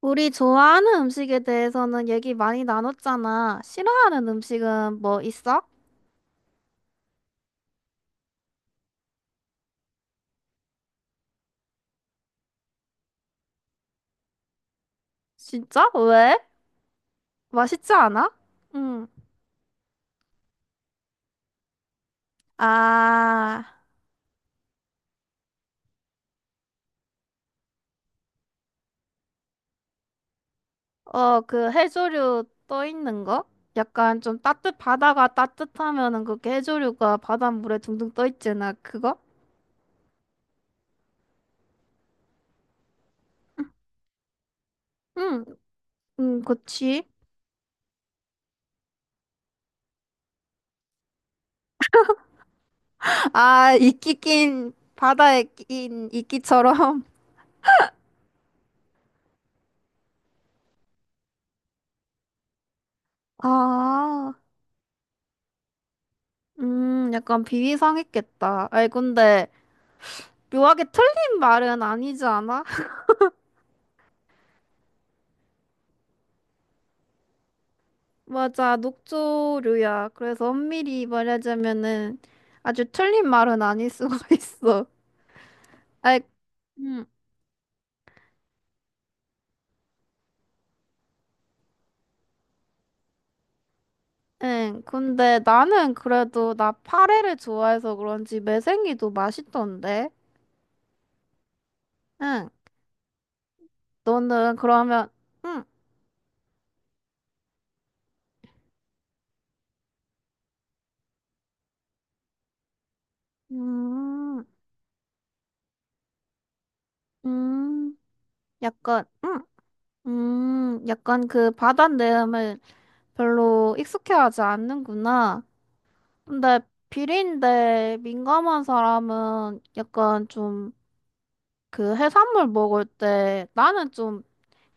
우리 좋아하는 음식에 대해서는 얘기 많이 나눴잖아. 싫어하는 음식은 뭐 있어? 진짜? 왜? 맛있지 않아? 응. 아, 어, 그 해조류 떠 있는 거? 약간 좀 바다가 따뜻하면은 그게 해조류가 바닷물에 둥둥 떠 있잖아. 그거? 응, 응, 그치. 아, 이끼 낀, 바다에 낀 이끼처럼. 아, 약간 비위상했겠다. 아이, 근데. 묘하게 틀린 말은 아니지 않아? 맞아, 녹조류야. 그래서 엄밀히 말하자면은 아주 틀린 말은 아닐 수가 있어. 아이, 음, 응. 근데 나는 그래도 나 파래를 좋아해서 그런지 매생이도 맛있던데. 응. 너는 그러면, 응, 음, 음, 약간, 응, 약간 그 바다 내음을 별로 익숙해하지 않는구나. 근데 비린내 민감한 사람은 약간 좀 그 해산물 먹을 때 나는 좀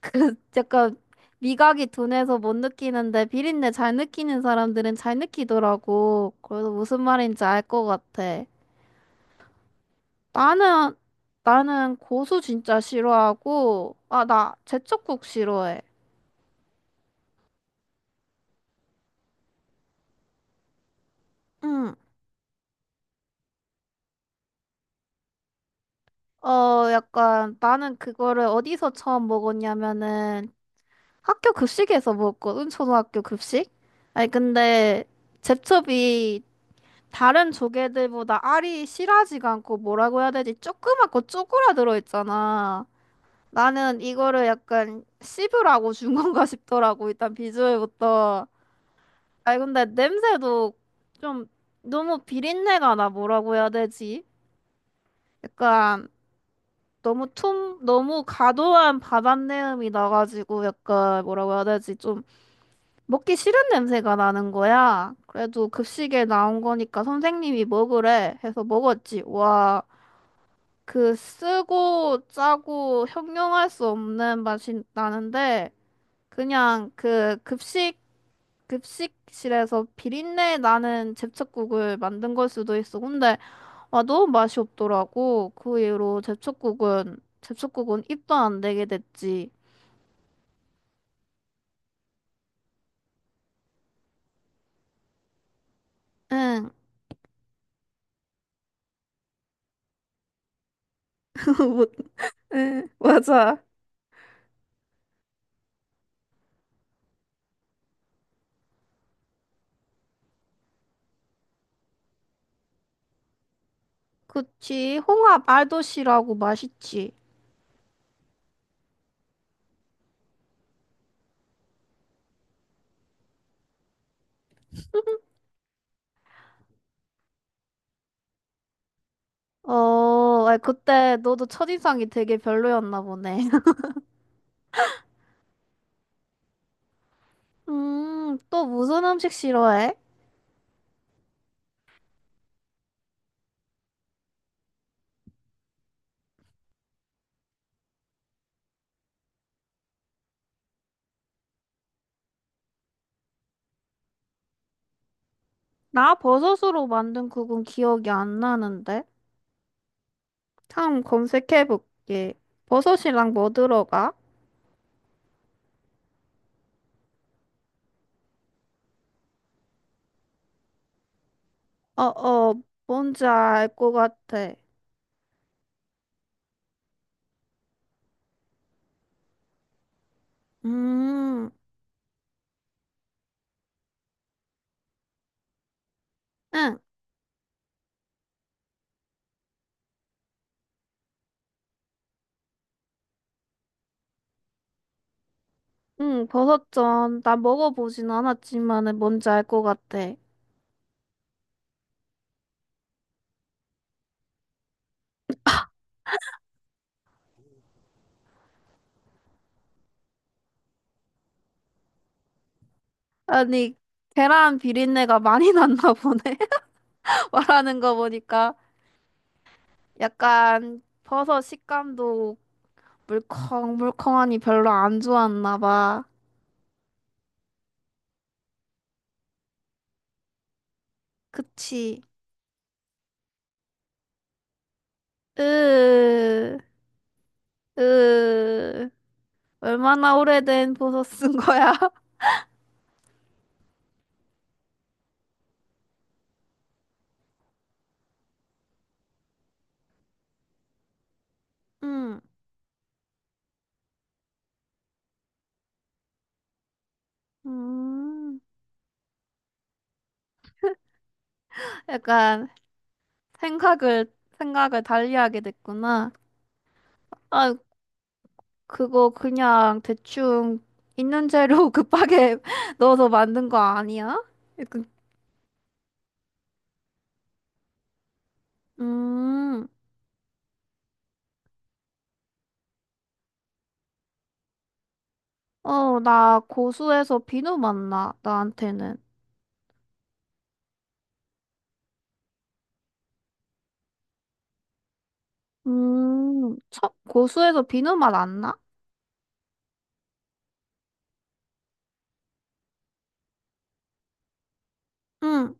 그 약간 미각이 둔해서 못 느끼는데 비린내 잘 느끼는 사람들은 잘 느끼더라고. 그래서 무슨 말인지 알 것 같아. 나는 나는 고수 진짜 싫어하고 아 나 제철국 싫어해. 응. 어 약간 나는 그거를 어디서 처음 먹었냐면은 학교 급식에서 먹었거든, 초등학교 급식. 아니, 근데 제첩이 다른 조개들보다 알이 실하지가 않고 뭐라고 해야 되지? 조그맣고 쪼그라들어 있잖아. 나는 이거를 약간 씹으라고 준 건가 싶더라고, 일단 비주얼부터. 아니, 근데 냄새도 좀 너무 비린내가 나, 뭐라고 해야 되지? 약간 너무 과도한 바닷내음이 나가지고 약간 뭐라고 해야 되지? 좀 먹기 싫은 냄새가 나는 거야. 그래도 급식에 나온 거니까 선생님이 먹으래 해서 먹었지. 와, 그 쓰고 짜고 형용할 수 없는 맛이 나는데 그냥 그 급식실에서 비린내 나는 제첩국을 만든 걸 수도 있어. 근데 와 너무 맛이 없더라고. 그 이후로 제첩국은 입도 안 대게 됐지. 응. 못 응, 맞아. 그치. 홍합 알도시라고 맛있지. 어, 아 그때 너도 첫인상이 되게 별로였나 보네. 또 무슨 음식 싫어해? 나 버섯으로 만든 국은 기억이 안 나는데. 참 검색해볼게. 버섯이랑 뭐 들어가? 어, 어, 뭔지 알 것 같아. 음, 응, 응, 버섯전. 나 먹어보진 않았지만은 뭔지 알 것 같아. 아니, 계란 비린내가 많이 났나 보네. 말하는 거 보니까 약간 버섯 식감도 물컹물컹하니 별로 안 좋았나 봐. 그치? 으, 으, 얼마나 오래된 버섯 쓴 거야? 음, 음, 약간 생각을, 생각을 달리하게 됐구나. 아, 그거 그냥 대충 있는 재료 급하게 넣어서 만든 거 아니야? 약간, 음. 어, 나 고수에서 비누 맛 나, 나한테는. 참, 고수에서 비누 맛 안 나? 응,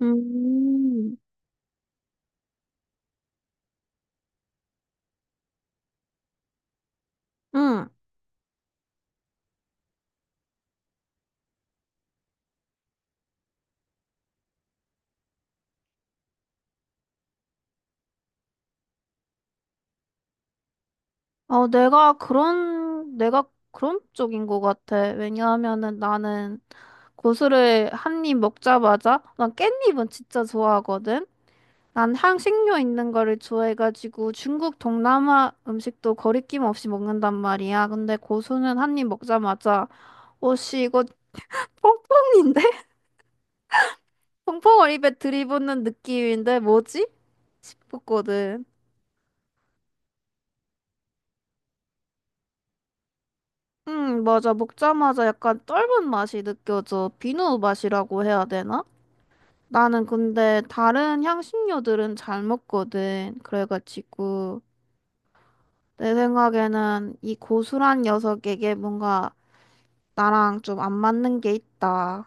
음, 응. 어, 내가 그런 쪽인 것 같아. 왜냐하면은 나는 고수를 한 입 먹자마자, 난 깻잎은 진짜 좋아하거든? 난 향신료 있는 거를 좋아해가지고 중국 동남아 음식도 거리낌 없이 먹는단 말이야. 근데 고수는 한 입 먹자마자, 오씨, 이거 뽕뽕인데? 펑펑 어립에 들이붓는 느낌인데 뭐지? 싶었거든. 맞아. 먹자마자 약간 떫은 맛이 느껴져. 비누 맛이라고 해야 되나? 나는 근데 다른 향신료들은 잘 먹거든. 그래가지고 내 생각에는 이 고수란 녀석에게 뭔가 나랑 좀 안 맞는 게 있다.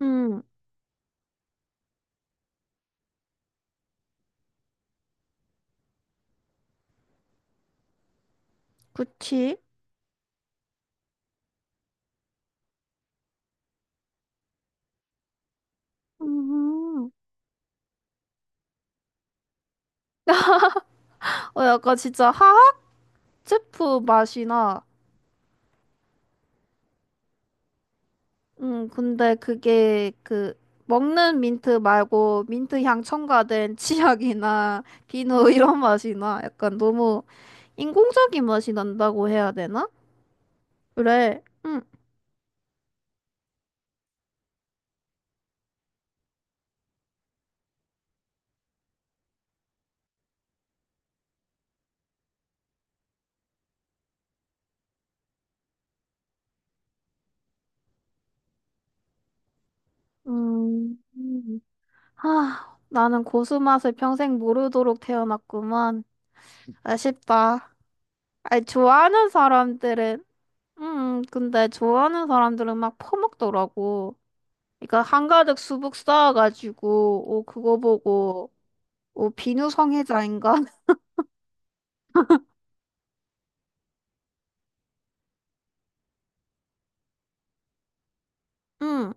음, 그치? 음, 어, 약간 진짜 화학 제품 맛이나 근데 그게 그 먹는 민트 말고 민트 향 첨가된 치약이나 비누 이런 맛이 나. 약간 너무 인공적인 맛이 난다고 해야 되나? 그래. 음. 음. 음. 하, 나는 고수 맛을 평생 모르도록 태어났구만. 아쉽다. 아니, 좋아하는 사람들은 근데 좋아하는 사람들은 막 퍼먹더라고. 그러니까 한가득 수북 쌓아가지고 오 그거 보고 오, 비누 성애자인가? 응.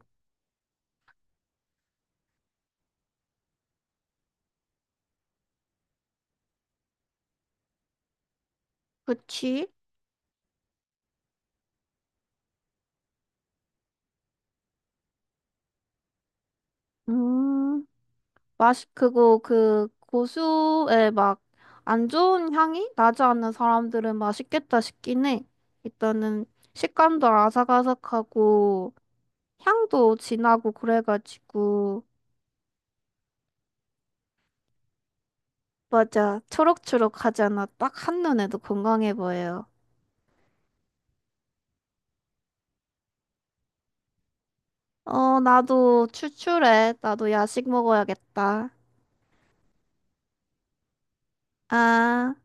그치? 음, 맛이 그거 그 고수의 막 안 좋은 향이 나지 않는 사람들은 맛있겠다 싶긴 해. 일단은 식감도 아삭아삭하고 향도 진하고 그래가지고 맞아 초록초록하잖아. 딱 한눈에도 건강해 보여요. 어, 나도 출출해. 나도 야식 먹어야겠다. 아.